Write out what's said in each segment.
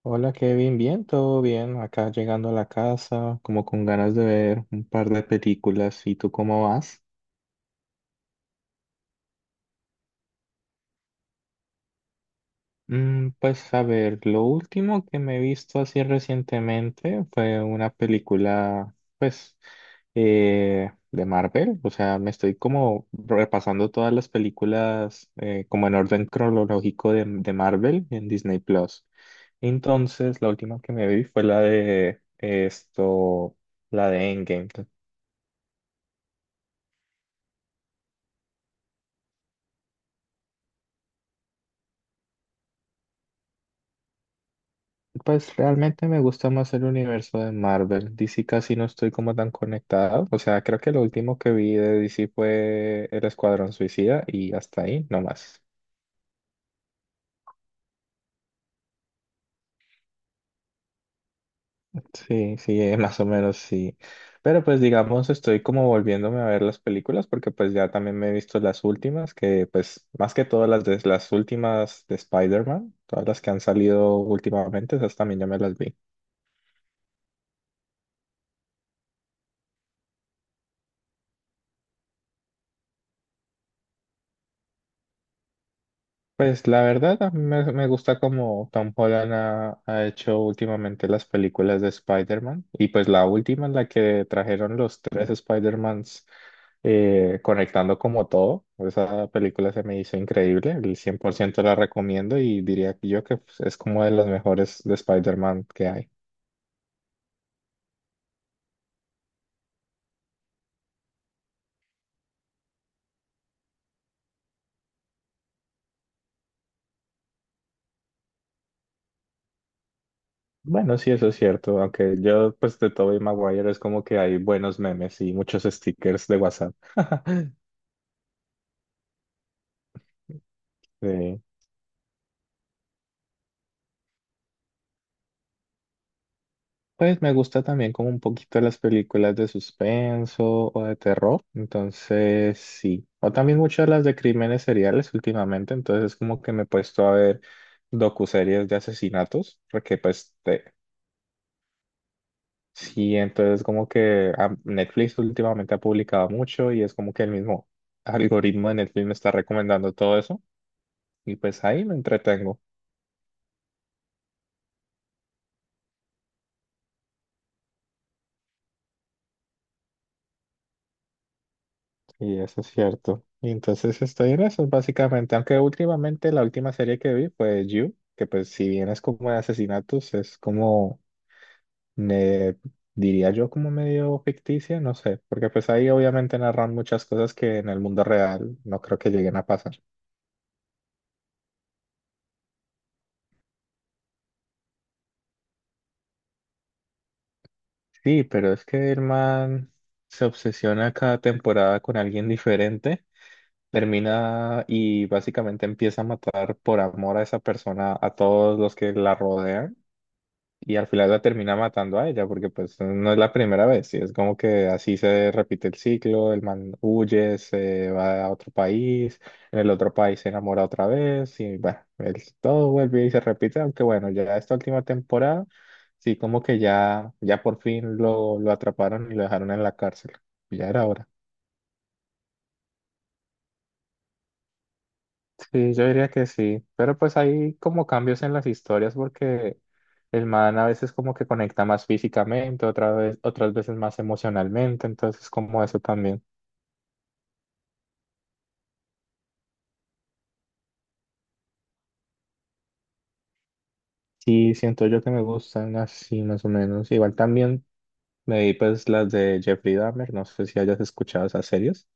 Hola Kevin, bien, todo bien. Acá llegando a la casa, como con ganas de ver un par de películas. ¿Y tú cómo vas? Mm, pues a ver, lo último que me he visto así recientemente fue una película, pues, de Marvel. O sea, me estoy como repasando todas las películas como en orden cronológico de Marvel en Disney Plus. Entonces, la última que me vi fue la de esto, la de Endgame. Pues realmente me gusta más el universo de Marvel. DC casi no estoy como tan conectado. O sea, creo que lo último que vi de DC fue El Escuadrón Suicida y hasta ahí, no más. Sí, sí, más o menos sí. Pero pues digamos, estoy como volviéndome a ver las películas porque pues ya también me he visto las últimas, que pues más que todas las de las últimas de Spider-Man, todas las que han salido últimamente, esas también ya me las vi. Pues la verdad, a mí me gusta como Tom Holland ha hecho últimamente las películas de Spider-Man y pues la última en la que trajeron los tres Spider-Mans conectando como todo, esa película se me hizo increíble, el 100% la recomiendo y diría yo que pues, es como de las mejores de Spider-Man que hay. Bueno, sí, eso es cierto, aunque yo pues de Tobey Maguire es como que hay buenos memes y muchos stickers de WhatsApp. Sí. Pues me gusta también como un poquito las películas de suspenso o de terror, entonces sí. O también muchas las de crímenes seriales últimamente, entonces es como que me he puesto a ver docuseries de asesinatos, porque pues sí, entonces como que ah, Netflix últimamente ha publicado mucho y es como que el mismo algoritmo de Netflix me está recomendando todo eso y pues ahí me entretengo. Y eso es cierto. Y entonces estoy en eso, básicamente. Aunque últimamente la última serie que vi fue You, que pues si bien es como de asesinatos, es como, me diría yo, como medio ficticia, no sé, porque pues ahí obviamente narran muchas cosas que en el mundo real no creo que lleguen a pasar. Sí, pero es que el man se obsesiona cada temporada con alguien diferente, termina y básicamente empieza a matar por amor a esa persona a todos los que la rodean. Y al final la termina matando a ella, porque pues no es la primera vez, y es como que así se repite el ciclo, el man huye, se va a otro país, en el otro país se enamora otra vez, y bueno, todo vuelve y se repite, aunque bueno, ya esta última temporada, sí como que ya, ya por fin lo atraparon y lo dejaron en la cárcel, ya era hora. Sí, yo diría que sí, pero pues hay como cambios en las historias porque el man a veces como que conecta más físicamente, otra vez, otras veces más emocionalmente, entonces como eso también. Sí, siento yo que me gustan así más o menos. Igual también me vi pues las de Jeffrey Dahmer, no sé si hayas escuchado esas series.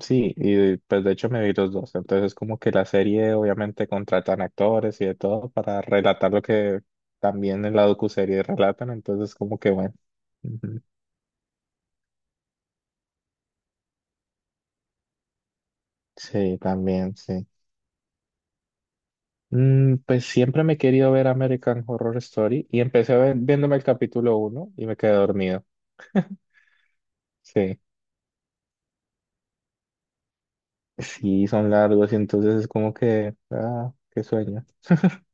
Sí, y pues de hecho me vi los dos, entonces como que la serie obviamente contratan actores y de todo para relatar lo que también en la docuserie relatan, entonces como que bueno. Sí, también, sí. Mm, pues siempre me he querido ver American Horror Story y empecé a viéndome el capítulo uno y me quedé dormido. Sí, sí, son largos y entonces es como que, ah, qué sueño.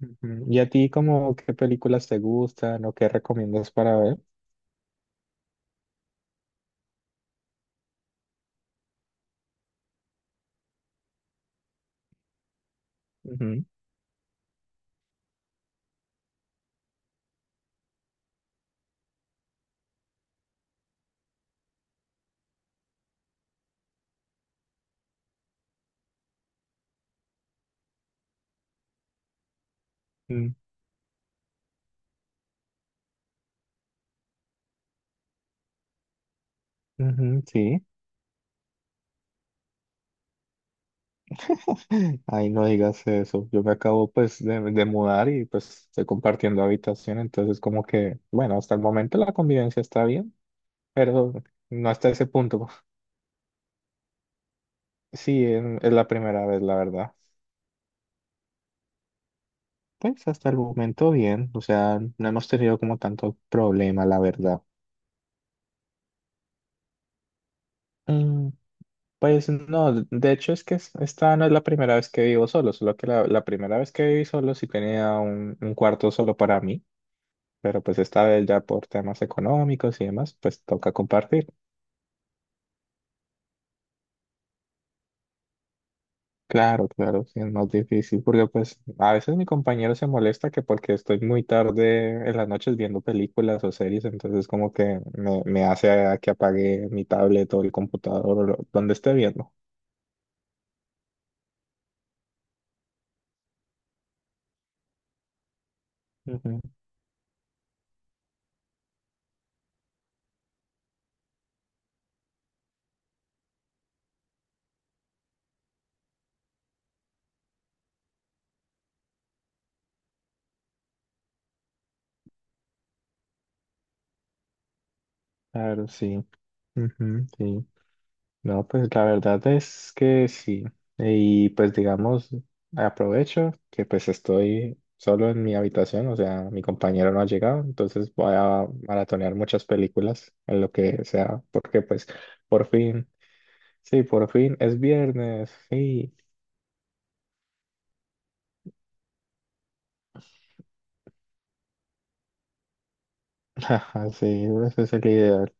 Ujú. ¿Y a ti como qué películas te gustan o qué recomiendas para ver? Ujú, mm, ujú, sí. Ay, no digas eso. Yo me acabo pues de mudar y pues estoy compartiendo habitación, entonces como que, bueno, hasta el momento la convivencia está bien. Pero no hasta ese punto. Sí, es la primera vez, la verdad. Pues hasta el momento bien, o sea, no hemos tenido como tanto problema, la verdad. Mm, pues no, de hecho es que esta no es la primera vez que vivo solo, solo que la primera vez que viví solo sí tenía un cuarto solo para mí, pero pues esta vez ya por temas económicos y demás, pues toca compartir. Claro, claro, sí, es más difícil porque pues a veces mi compañero se molesta que porque estoy muy tarde en las noches viendo películas o series, entonces como que me hace a que apague mi tablet o el computador o donde esté viendo. Ujú. Claro, sí. Ujú, sí. No, pues la verdad es que sí. Y pues digamos, aprovecho que pues estoy solo en mi habitación, o sea, mi compañero no ha llegado, entonces voy a maratonear muchas películas en lo que sea, porque pues por fin, sí, por fin es viernes, sí, sí, ese es el ideal.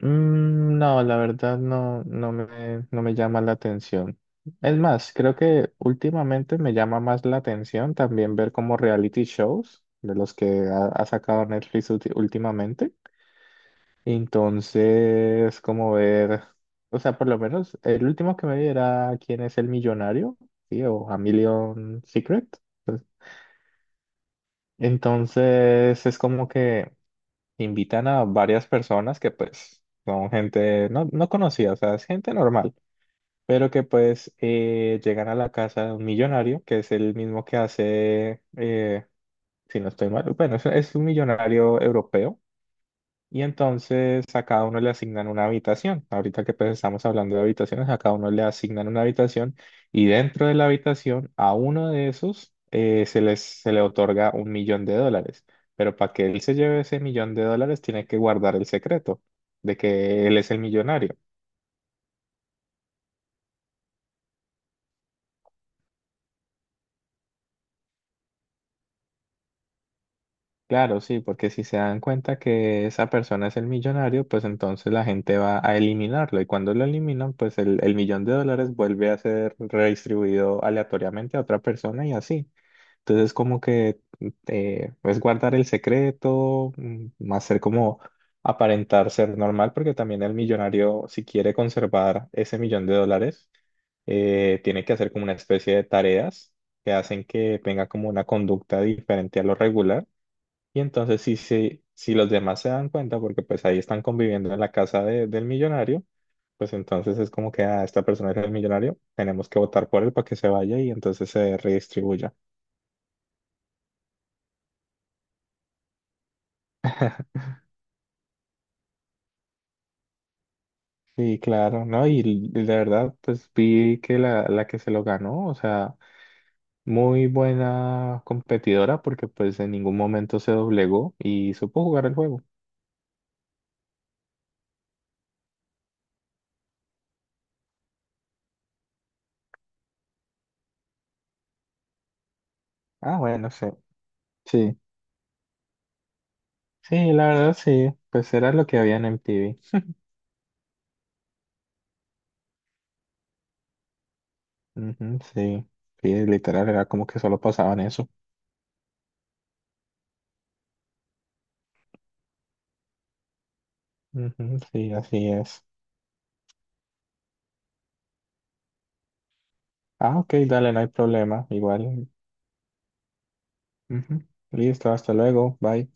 Mm, no, la verdad no, no me llama la atención. Es más, creo que últimamente me llama más la atención también ver como reality shows de los que ha sacado Netflix últimamente. Entonces, como ver, o sea, por lo menos el último que me vi era ¿Quién es el millonario? Sí, o A Million Secret. Entonces, es como que invitan a varias personas que pues son gente no, no conocida, o sea, es gente normal pero que pues llegan a la casa de un millonario, que es el mismo que hace, si no estoy mal, bueno, es un millonario europeo, y entonces a cada uno le asignan una habitación. Ahorita que pues estamos hablando de habitaciones, a cada uno le asignan una habitación, y dentro de la habitación a uno de esos se le otorga un millón de dólares. Pero para que él se lleve ese millón de dólares, tiene que guardar el secreto de que él es el millonario. Claro, sí, porque si se dan cuenta que esa persona es el millonario, pues entonces la gente va a eliminarlo y cuando lo eliminan, pues el millón de dólares vuelve a ser redistribuido aleatoriamente a otra persona y así. Entonces como que mm, es guardar el secreto, mm, más ser como aparentar ser normal, porque también el millonario, si quiere conservar ese millón de dólares, tiene que hacer como una especie de tareas que hacen que tenga como una conducta diferente a lo regular y entonces si, si los demás se dan cuenta, porque pues ahí están conviviendo en la casa del millonario, pues entonces es como que ah, esta persona es el millonario, tenemos que votar por él para que se vaya y entonces se redistribuya. Sí, claro, ¿no? Y, la verdad, pues vi que la que se lo ganó, o sea, muy buena competidora porque pues en ningún momento se doblegó y supo jugar el juego. Ah, bueno, sí. Sí, sí, la verdad sí, pues era lo que había en MTV. Ujú, sí, sí, literal, era como que solo pasaban eso. Ujú, sí, así es. Ah, ok, dale, no hay problema, igual. Ujú, listo, hasta luego, bye.